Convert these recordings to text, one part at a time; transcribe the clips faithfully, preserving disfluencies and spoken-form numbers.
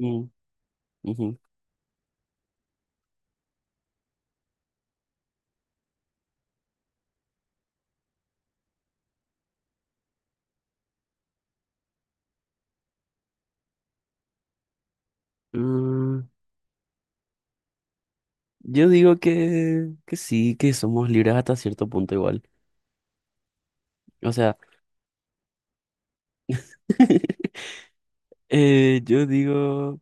Mm, ujú. Mm, yo digo que, que sí, que somos libres hasta cierto punto igual. O sea, eh, yo digo,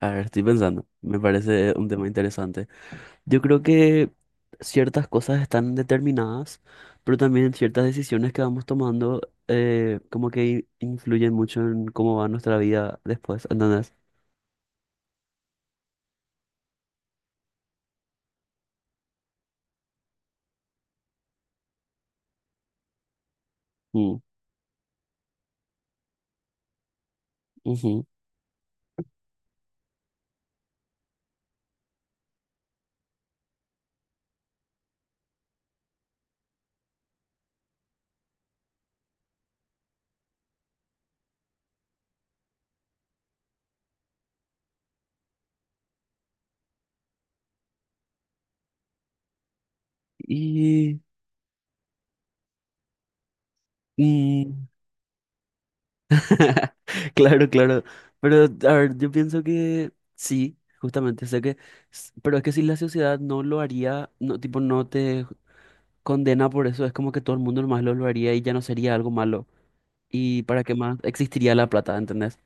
a ver, estoy pensando, me parece un tema interesante. Yo creo que ciertas cosas están determinadas, pero también ciertas decisiones que vamos tomando eh, como que i- influyen mucho en cómo va nuestra vida después, ¿entendés? Mm, ujú. Y... mm, Claro, claro. Pero, a ver, yo pienso que sí, justamente, sé que, s- pero es que si la sociedad no lo haría, no, tipo, no te condena por eso, es como que todo el mundo nomás lo, lo haría y ya no sería algo malo. ¿Y para qué más existiría la plata, entendés?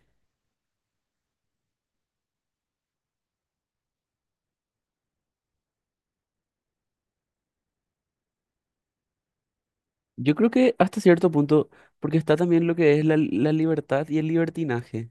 Yo creo que hasta cierto punto, porque está también lo que es la, la libertad y el libertinaje.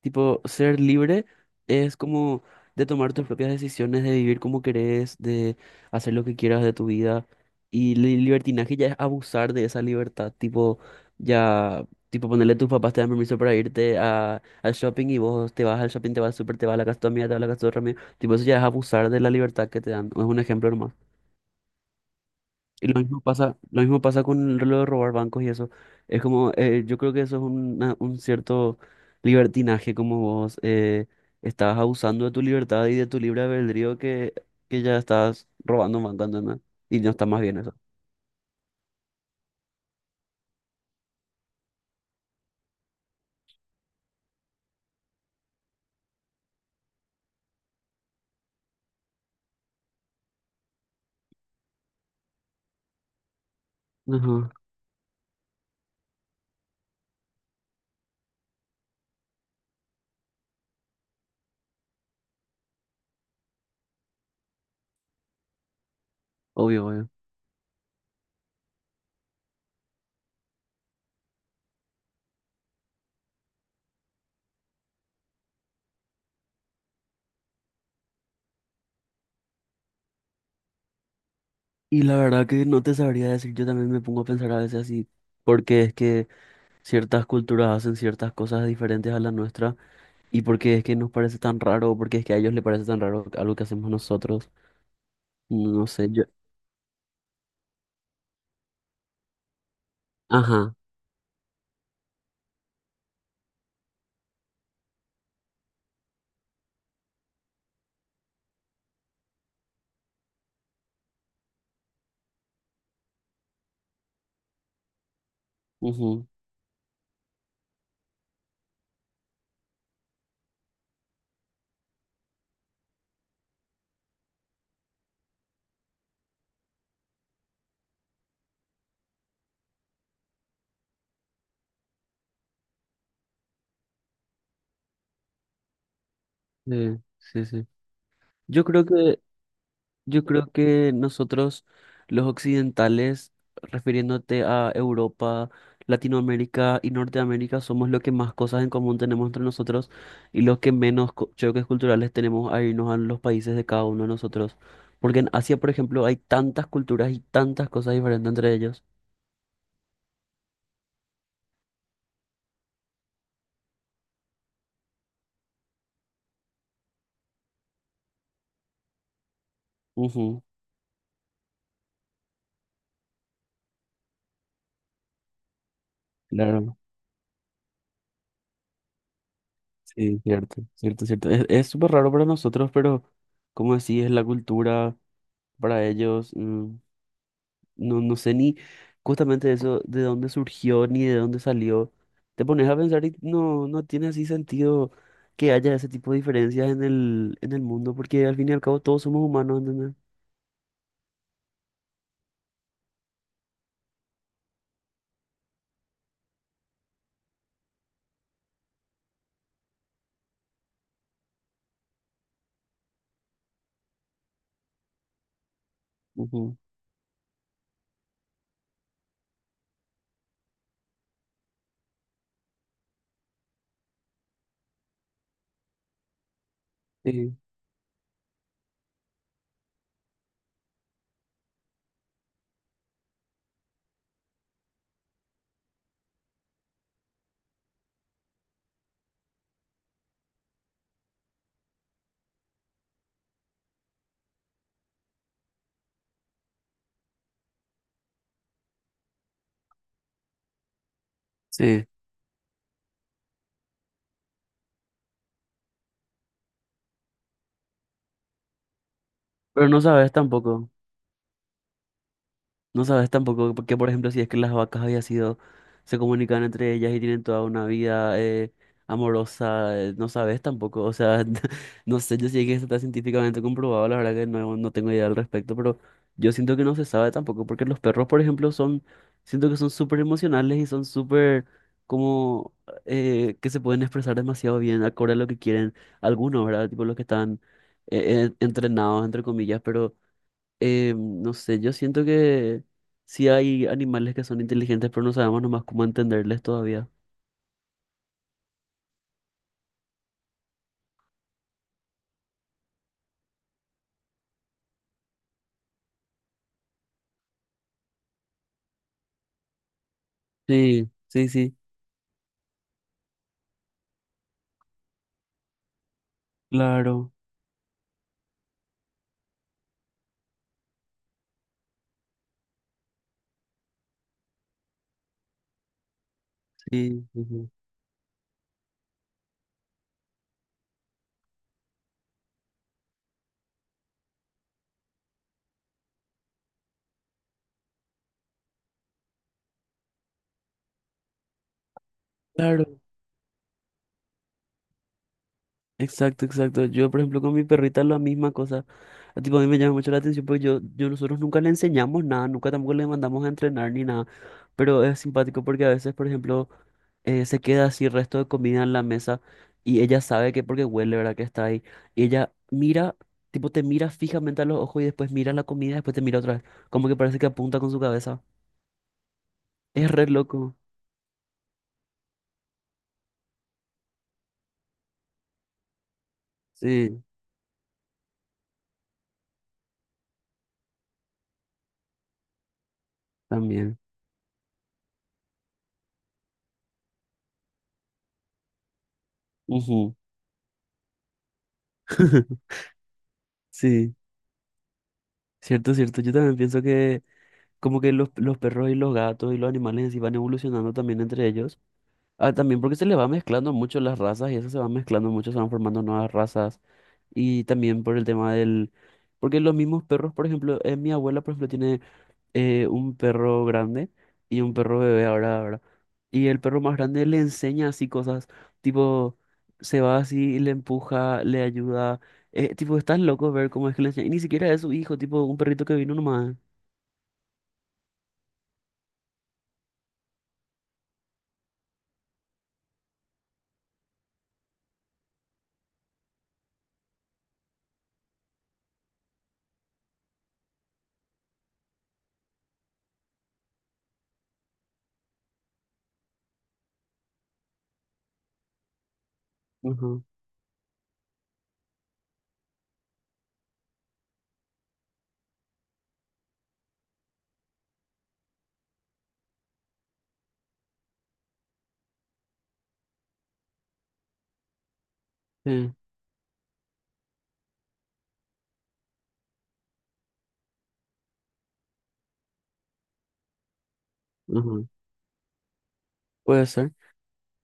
Tipo, ser libre es como de tomar tus propias decisiones, de vivir como querés, de hacer lo que quieras de tu vida. Y el libertinaje ya es abusar de esa libertad. Tipo, ya, tipo, ponerle a tus papás te dan permiso para irte a, al shopping y vos te vas al shopping, te vas al súper, te vas a la casa de tu amiga, te vas a la casa de otra amiga. Tipo, eso ya es abusar de la libertad que te dan. Es un ejemplo nomás. Y lo mismo pasa, lo mismo pasa con lo de robar bancos y eso. Es como, eh, yo creo que eso es una- un cierto libertinaje, como vos eh, estás abusando de tu libertad y de tu libre albedrío que, que ya estás robando un banco, ¿entendés? Y no está más bien eso. Ajá, obvio, obvio. Y la verdad que no te sabría decir, yo también me pongo a pensar a veces así, porque es que ciertas culturas hacen ciertas cosas diferentes a la nuestra y porque es que nos parece tan raro, o porque es que a ellos les parece tan raro algo que hacemos nosotros. No sé, yo, Ajá. ujú, Sí, sí, sí. Yo creo que, yo creo que nosotros, los occidentales, refiriéndote a Europa, Latinoamérica y Norteamérica, somos los que más cosas en común tenemos entre nosotros y los que menos co- choques culturales tenemos a irnos a los países de cada uno de nosotros. Porque en Asia, por ejemplo, hay tantas culturas y tantas cosas diferentes entre ellos. Ujú, Claro, sí, cierto, cierto, cierto. Es, es súper raro para nosotros, pero como decís, es la cultura, para ellos. mm, No, no sé ni justamente eso, de dónde surgió ni de dónde salió. Te pones a pensar y no, no tiene así sentido que haya ese tipo de diferencias en el, en el mundo, porque al fin y al cabo todos somos humanos, ¿entendés? Ujú. Sí. Sí, pero no sabes tampoco. No sabes tampoco que, por ejemplo, si es que las vacas había sido, se comunican entre ellas y tienen toda una vida eh, amorosa, eh, no sabes tampoco. O sea, no sé, yo sé que esto está científicamente comprobado, la verdad que no, no tengo idea al respecto, pero yo siento que no se sabe tampoco, porque los perros, por ejemplo, son, siento que son súper emocionales y son súper como eh, que se pueden expresar demasiado bien, acorde a lo que quieren algunos, ¿verdad? Tipo los que están eh, eh, entrenados, entre comillas, pero... Eh, no sé, yo siento que sí hay animales que son inteligentes, pero no sabemos nomás cómo entenderles todavía. Sí, sí, sí, claro, sí, ujú, claro, exacto, exacto. Yo, por ejemplo, con mi perrita la misma cosa. A, tipo, a mí me llama mucho la atención porque yo, yo nosotros nunca le enseñamos nada, nunca tampoco le mandamos a entrenar ni nada, pero es simpático porque a veces, por ejemplo, eh, se queda así el resto de comida en la mesa y ella sabe que porque huele, ¿verdad? Que está ahí. Y ella mira, tipo te mira fijamente a los ojos y después mira la comida después te mira otra vez. Como que parece que apunta con su cabeza. Es re loco. Sí, también. Ujú. Sí, cierto, cierto. Yo también pienso que como que los, los perros y los gatos y los animales en sí van evolucionando también entre ellos. Ah, también porque se les va mezclando mucho las razas y eso se va mezclando mucho, se van formando nuevas razas. Y también por el tema del... Porque los mismos perros, por ejemplo, eh, mi abuela, por ejemplo, tiene eh, un perro grande y un perro bebé ahora, ahora. Y el perro más grande le enseña así cosas, tipo, se va así, y le empuja, le ayuda. Eh, tipo, estás loco ver cómo es que le enseña. Y ni siquiera es su hijo, tipo, un perrito que vino nomás. Ujú, sí, ujú, puede ser.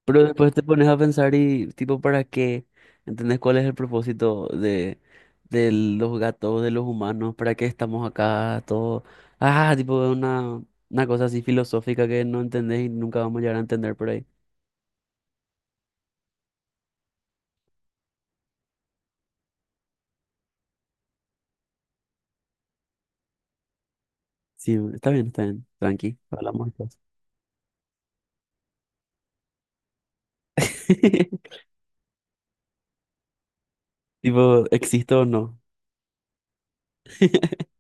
Pero después te pones a pensar y, tipo, ¿para qué? ¿Entendés cuál es el propósito de, de los gatos, de los humanos? ¿Para qué estamos acá? Todo. Ah, tipo, una, una cosa así filosófica que no entendés y nunca vamos a llegar a entender por ahí. Sí, está bien, está bien. Tranqui, hablamos después. Tipo, ¿existo o no?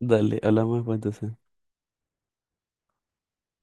Dale, hablamos después entonces.